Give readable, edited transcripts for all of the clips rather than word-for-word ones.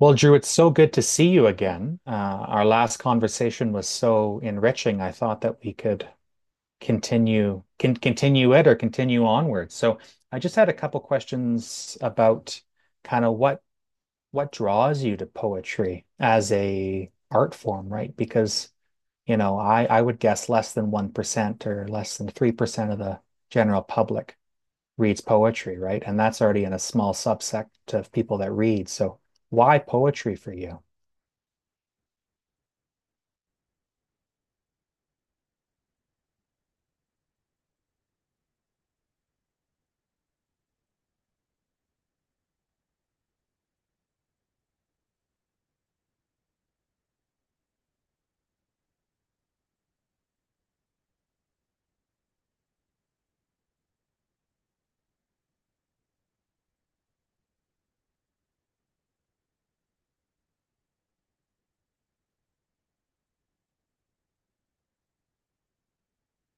Well, Drew, it's so good to see you again. Our last conversation was so enriching. I thought that we could continue it or continue onward. So I just had a couple questions about kind of what draws you to poetry as a art form, right? Because, you know, I would guess less than 1% or less than 3% of the general public reads poetry, right? And that's already in a small subset of people that read. So why poetry for you?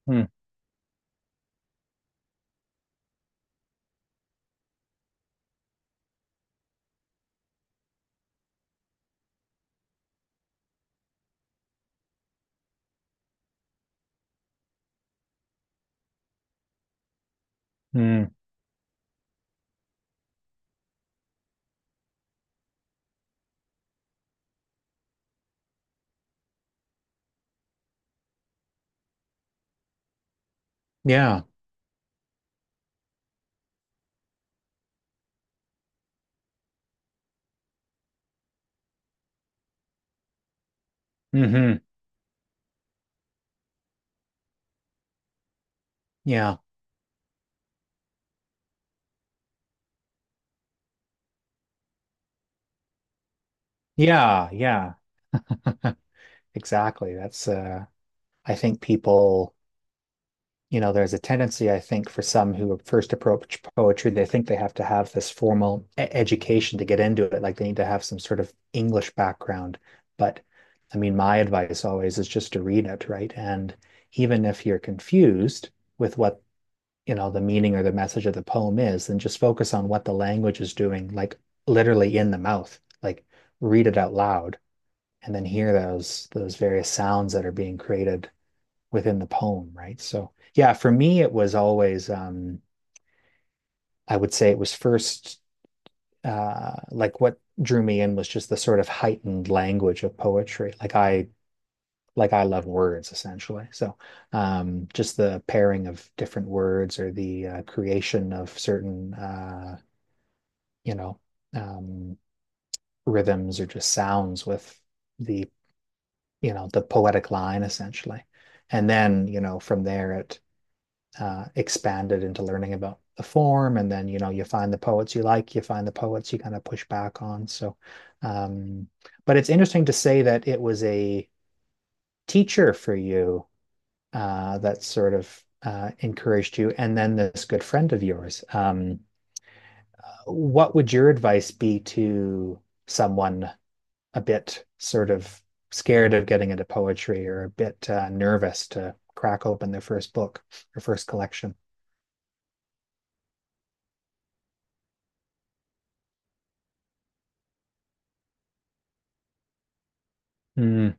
Hmm. Mm. Yeah. Hmm. Yeah. Yeah. Yeah. Exactly. That's I think people, you know, there's a tendency, I think, for some who first approach poetry, they think they have to have this formal education to get into it. Like they need to have some sort of English background. But I mean, my advice always is just to read it, right? And even if you're confused with what, you know, the meaning or the message of the poem is, then just focus on what the language is doing, like literally in the mouth, like read it out loud and then hear those various sounds that are being created within the poem, right? So yeah, for me it was always, I would say it was first, like what drew me in was just the sort of heightened language of poetry, like I love words, essentially. So just the pairing of different words or the creation of certain you know um, rhythms or just sounds with the you know the poetic line, essentially. And then, you know, from there it expanded into learning about the form. And then, you know, you find the poets you like, you find the poets you kind of push back on. So um, but it's interesting to say that it was a teacher for you, that sort of encouraged you, and then this good friend of yours. What would your advice be to someone a bit sort of scared of getting into poetry or a bit nervous to crack open their first book or first collection. Mm,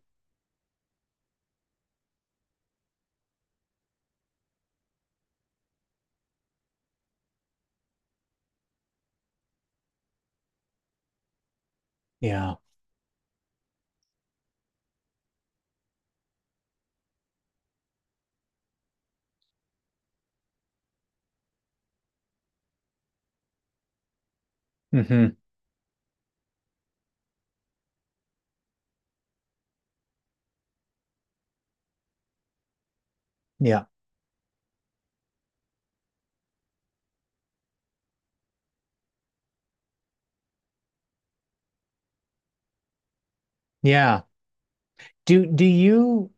yeah. Hmm. Yeah. Yeah. Do you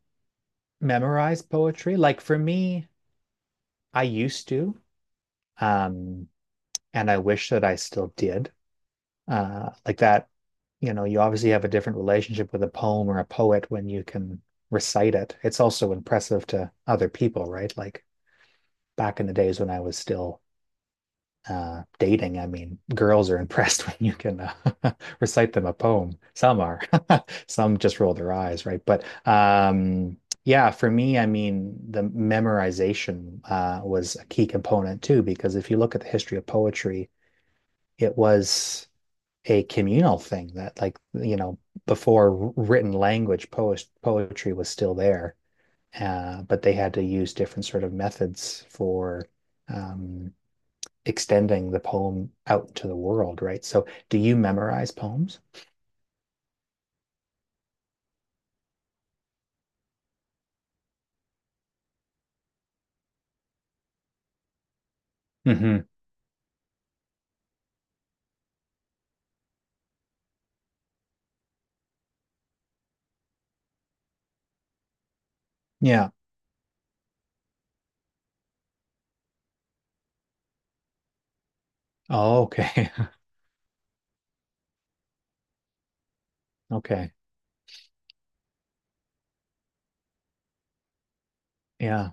memorize poetry? Like for me, I used to, um, and I wish that I still did. Like that, you know, you obviously have a different relationship with a poem or a poet when you can recite it. It's also impressive to other people, right? Like back in the days when I was still dating. I mean, girls are impressed when you can recite them a poem. Some are, some just roll their eyes, right? But yeah, for me, I mean, the memorization was a key component too, because if you look at the history of poetry, it was a communal thing that, like, you know, before written language, poetry was still there, but they had to use different sort of methods for um, extending the poem out to the world, right? So do you memorize poems? Mm-hmm. Yeah. Oh, okay. Okay. Yeah.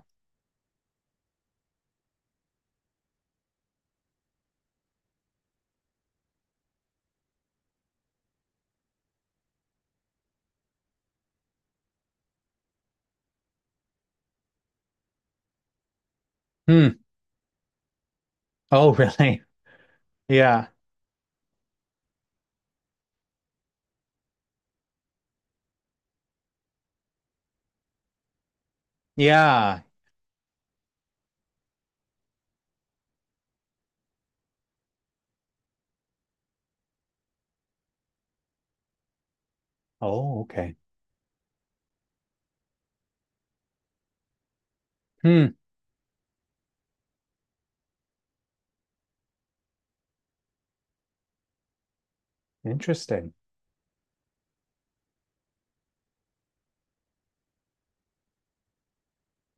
Hmm. Oh, really? Yeah. Yeah. Oh, okay. Hmm. Interesting.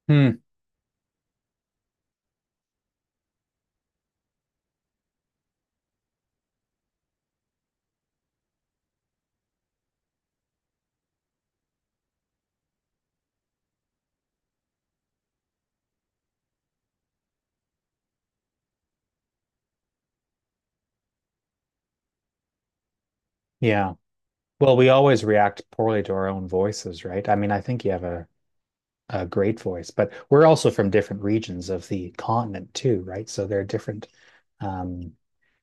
Hmm. Yeah. Well, we always react poorly to our own voices, right? I mean, I think you have a great voice, but we're also from different regions of the continent too, right? So there are different um,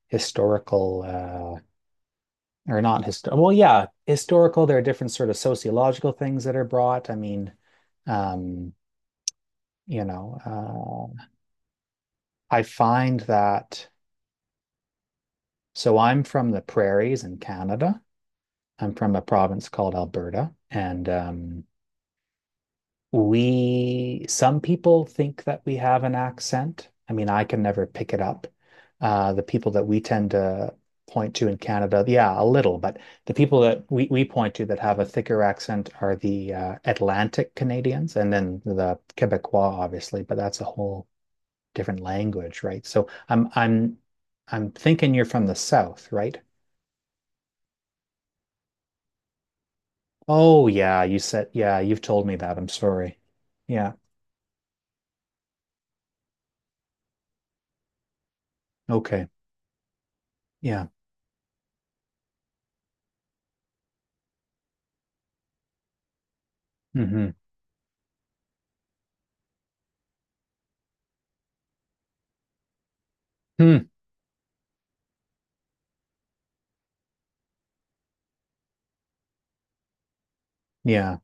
historical or not historical. Well, yeah, historical. There are different sort of sociological things that are brought. I mean, um, you know, uh, I find that. So I'm from the prairies in Canada. I'm from a province called Alberta, and we, some people think that we have an accent. I mean, I can never pick it up. The people that we tend to point to in Canada, yeah, a little, but the people that we point to that have a thicker accent are the Atlantic Canadians and then the Quebecois, obviously, but that's a whole different language, right? So I'm thinking you're from the South, right? Oh yeah, you said, yeah, you've told me that. I'm sorry. Yeah. Okay. Yeah. Hmm. Hmm. Yeah.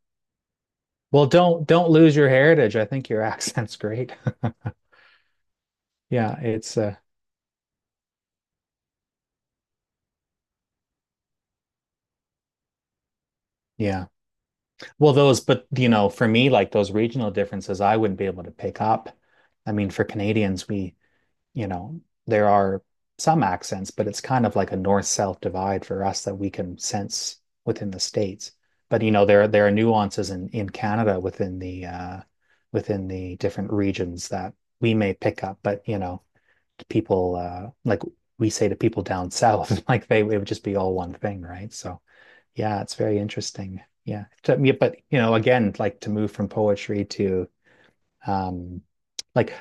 Well, don't lose your heritage. I think your accent's great. Yeah, it's yeah. Well, those, but you know, for me like those regional differences I wouldn't be able to pick up. I mean, for Canadians, we, you know, there are some accents, but it's kind of like a north-south divide for us that we can sense within the states. But you know, there are nuances in Canada within the different regions that we may pick up, but you know, to people like we say to people down south, like they, it would just be all one thing, right? So yeah, it's very interesting. Yeah. Yeah, but you know, again, like to move from poetry to um like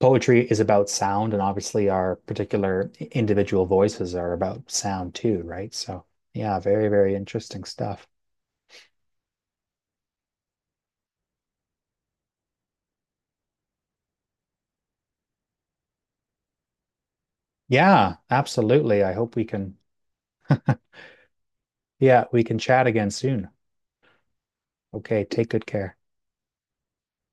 poetry is about sound, and obviously our particular individual voices are about sound too, right? So yeah, very very interesting stuff. Yeah, absolutely. I hope we can, yeah, we can chat again soon. Okay, take good care.